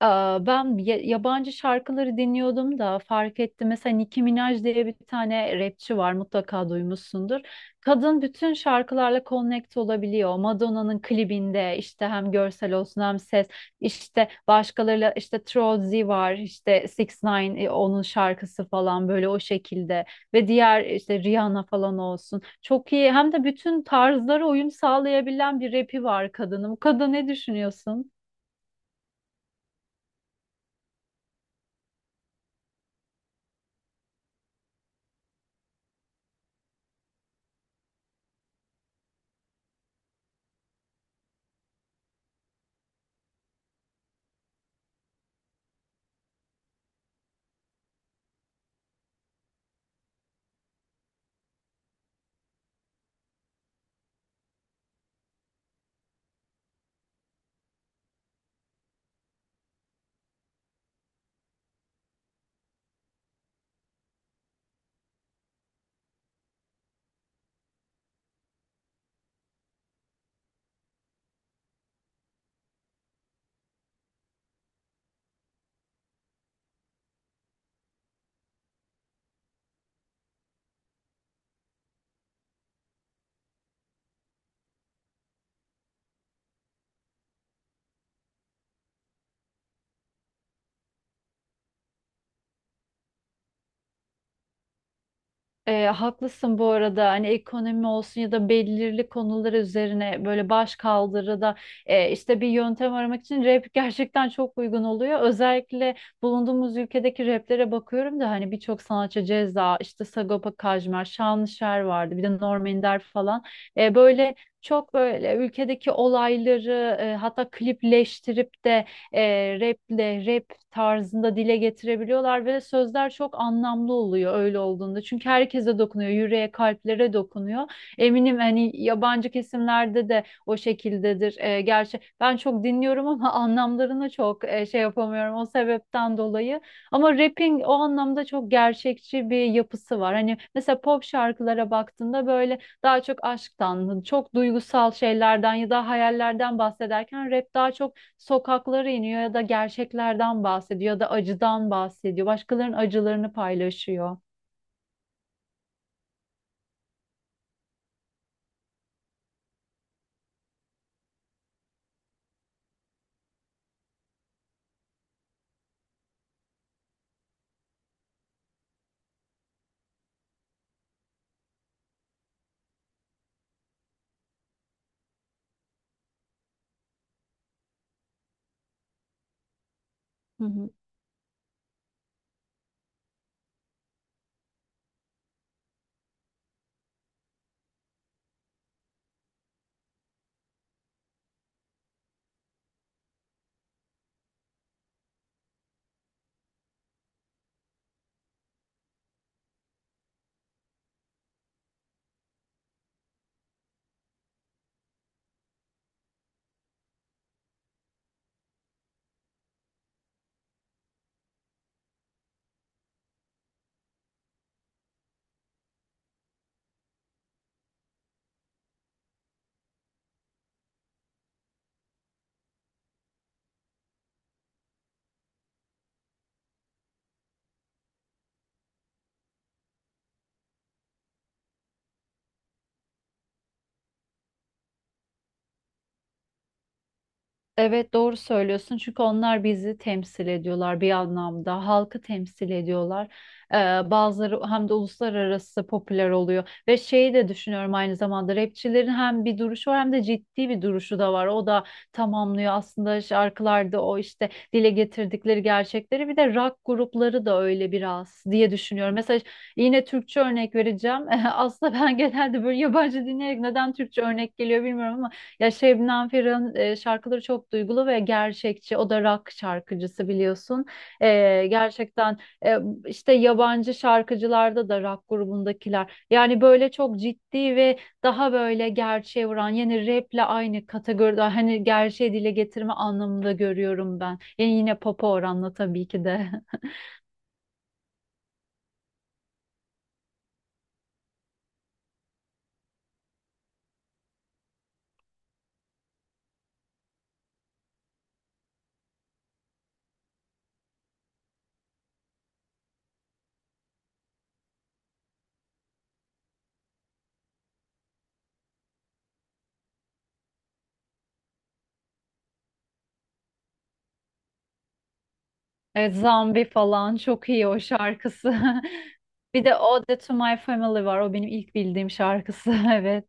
Ben yabancı şarkıları dinliyordum da fark ettim. Mesela Nicki Minaj diye bir tane rapçi var, mutlaka duymuşsundur. Kadın bütün şarkılarla connect olabiliyor. Madonna'nın klibinde işte hem görsel olsun hem ses, işte başkalarıyla, işte Trolley var, işte Six Nine onun şarkısı falan, böyle o şekilde ve diğer işte Rihanna falan olsun. Çok iyi, hem de bütün tarzlara uyum sağlayabilen bir rapi var kadının. Bu kadın ne düşünüyorsun? Haklısın bu arada, hani ekonomi olsun ya da belirli konular üzerine böyle baş kaldırıda işte bir yöntem aramak için rap gerçekten çok uygun oluyor. Özellikle bulunduğumuz ülkedeki raplere bakıyorum da hani birçok sanatçı Ceza, işte Sagopa Kajmer, Şanlışer vardı, bir de Norm Ender falan. Böyle çok böyle ülkedeki olayları hatta klipleştirip de e, rap tarzında dile getirebiliyorlar ve sözler çok anlamlı oluyor öyle olduğunda. Çünkü herkese dokunuyor, yüreğe, kalplere dokunuyor. Eminim hani yabancı kesimlerde de o şekildedir. Gerçi ben çok dinliyorum ama anlamlarını çok şey yapamıyorum o sebepten dolayı. Ama rapping o anlamda çok gerçekçi bir yapısı var. Hani mesela pop şarkılara baktığında böyle daha çok aşktan, çok duygusal şeylerden ya da hayallerden bahsederken, rap daha çok sokaklara iniyor ya da gerçeklerden bahsediyor ya da acıdan bahsediyor. Başkalarının acılarını paylaşıyor. Hı hı. Evet, doğru söylüyorsun, çünkü onlar bizi temsil ediyorlar, bir anlamda halkı temsil ediyorlar. Ee, Bazıları hem de uluslararası popüler oluyor ve şeyi de düşünüyorum aynı zamanda, rapçilerin hem bir duruşu var, hem de ciddi bir duruşu da var, o da tamamlıyor aslında şarkılarda, o işte dile getirdikleri gerçekleri. Bir de rock grupları da öyle biraz diye düşünüyorum. Mesela yine Türkçe örnek vereceğim aslında, ben genelde böyle yabancı dinleyerek neden Türkçe örnek geliyor bilmiyorum ama ya, Şebnem Ferah'ın şarkıları çok duygulu ve gerçekçi. O da rock şarkıcısı, biliyorsun. Gerçekten, e, işte yabancı şarkıcılarda da rock grubundakiler. Yani böyle çok ciddi ve daha böyle gerçeğe vuran, yani raple aynı kategoride, hani gerçeği dile getirme anlamında görüyorum ben. Yani yine pop'a oranla, tabii ki de. Evet, Zombie falan çok iyi o şarkısı. Bir de Ode to My Family var. O benim ilk bildiğim şarkısı. Evet.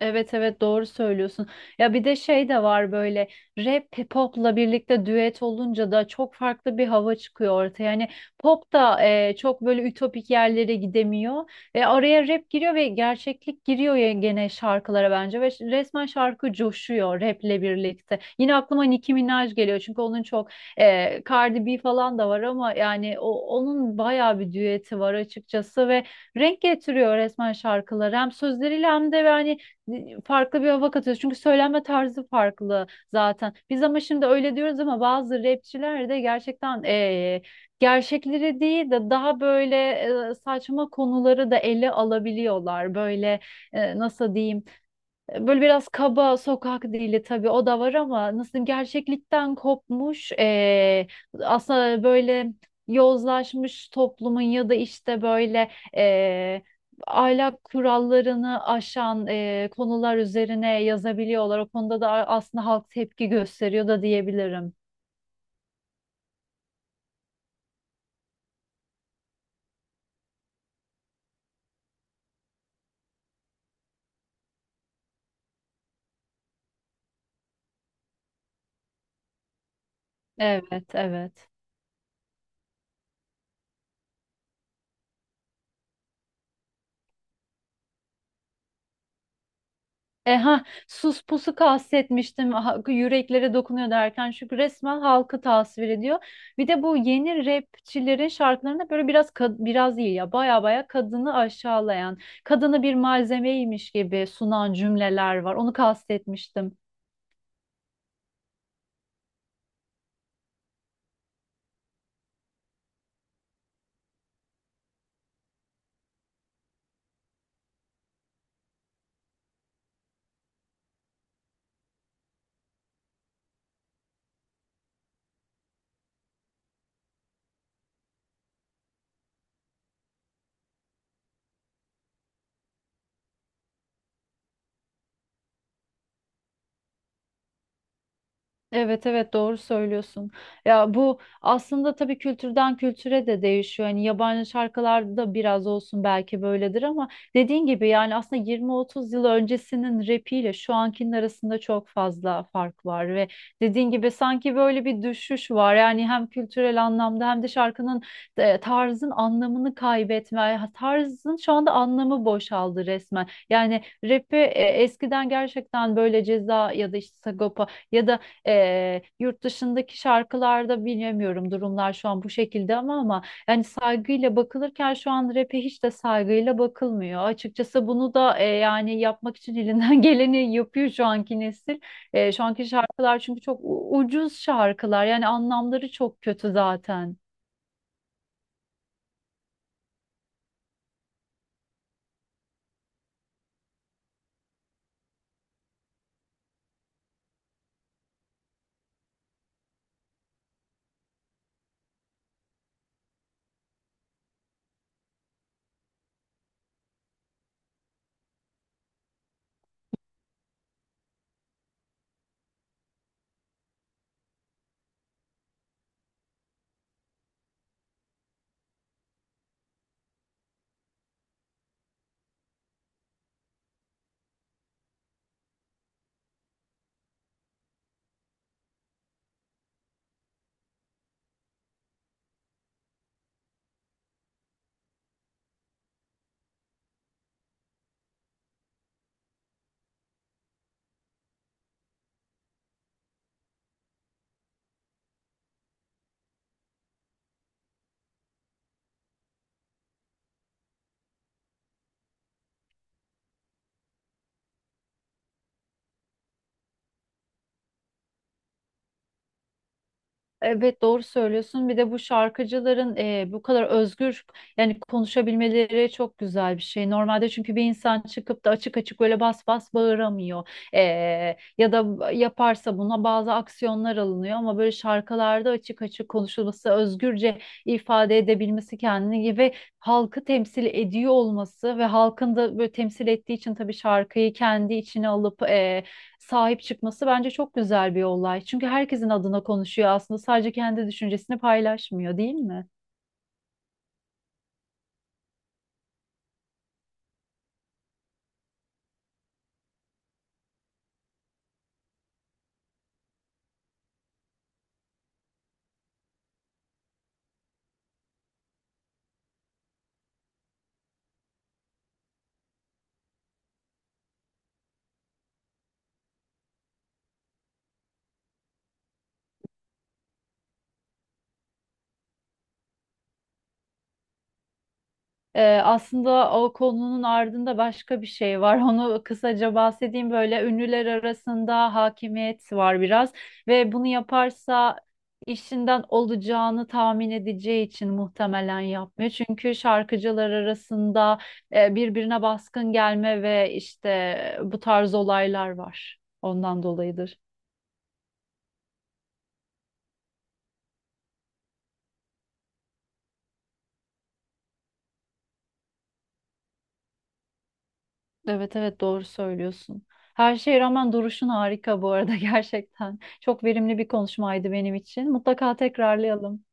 Evet evet, doğru söylüyorsun. Ya bir de şey de var, böyle rap popla birlikte düet olunca da çok farklı bir hava çıkıyor ortaya. Yani pop da çok böyle ütopik yerlere gidemiyor. Araya rap giriyor ve gerçeklik giriyor ya gene şarkılara bence, ve resmen şarkı coşuyor raple birlikte. Yine aklıma Nicki Minaj geliyor, çünkü onun çok Cardi B falan da var, ama yani onun bayağı bir düeti var açıkçası ve renk getiriyor resmen şarkılara, hem sözleriyle hem de yani farklı bir hava katıyoruz. Çünkü söylenme tarzı farklı zaten. Biz ama şimdi öyle diyoruz ama bazı rapçiler de gerçekten gerçekleri değil de daha böyle saçma konuları da ele alabiliyorlar. Böyle nasıl diyeyim? Böyle biraz kaba sokak dili, tabii o da var ama nasıl diyeyim, gerçeklikten kopmuş, aslında böyle yozlaşmış toplumun ya da işte böyle ahlak kurallarını aşan konular üzerine yazabiliyorlar. O konuda da aslında halk tepki gösteriyor da diyebilirim. Evet, evet. Ha, sus pusu kastetmiştim yüreklere dokunuyor derken, çünkü resmen halkı tasvir ediyor. Bir de bu yeni rapçilerin şarkılarında böyle biraz biraz değil ya, baya baya kadını aşağılayan, kadını bir malzemeymiş gibi sunan cümleler var. Onu kastetmiştim. Evet evet, doğru söylüyorsun. Ya bu aslında tabii kültürden kültüre de değişiyor. Hani yabancı şarkılarda da biraz olsun belki böyledir ama dediğin gibi, yani aslında 20-30 yıl öncesinin rapiyle şu ankinin arasında çok fazla fark var ve dediğin gibi sanki böyle bir düşüş var. Yani hem kültürel anlamda hem de şarkının tarzın anlamını kaybetme, tarzın şu anda anlamı boşaldı resmen. Yani rap'i eskiden gerçekten böyle Ceza ya da işte Sagopa ya da yurt dışındaki şarkılarda bilemiyorum durumlar şu an bu şekilde ama, yani saygıyla bakılırken şu an rap'e hiç de saygıyla bakılmıyor. Açıkçası bunu da yani yapmak için elinden geleni yapıyor şu anki nesil. Şu anki şarkılar çünkü çok ucuz şarkılar, yani anlamları çok kötü zaten. Evet, doğru söylüyorsun. Bir de bu şarkıcıların bu kadar özgür yani konuşabilmeleri çok güzel bir şey. Normalde çünkü bir insan çıkıp da açık açık böyle bas bas bağıramıyor. E, Ya da yaparsa buna bazı aksiyonlar alınıyor, ama böyle şarkılarda açık açık konuşulması, özgürce ifade edebilmesi kendini, gibi halkı temsil ediyor olması ve halkın da böyle temsil ettiği için tabii şarkıyı kendi içine alıp sahip çıkması bence çok güzel bir olay. Çünkü herkesin adına konuşuyor aslında, sadece kendi düşüncesini paylaşmıyor değil mi? Aslında o konunun ardında başka bir şey var. Onu kısaca bahsedeyim. Böyle ünlüler arasında hakimiyet var biraz ve bunu yaparsa işinden olacağını tahmin edeceği için muhtemelen yapmıyor. Çünkü şarkıcılar arasında birbirine baskın gelme ve işte bu tarz olaylar var. Ondan dolayıdır. Evet evet, doğru söylüyorsun. Her şeye rağmen duruşun harika bu arada gerçekten. Çok verimli bir konuşmaydı benim için. Mutlaka tekrarlayalım.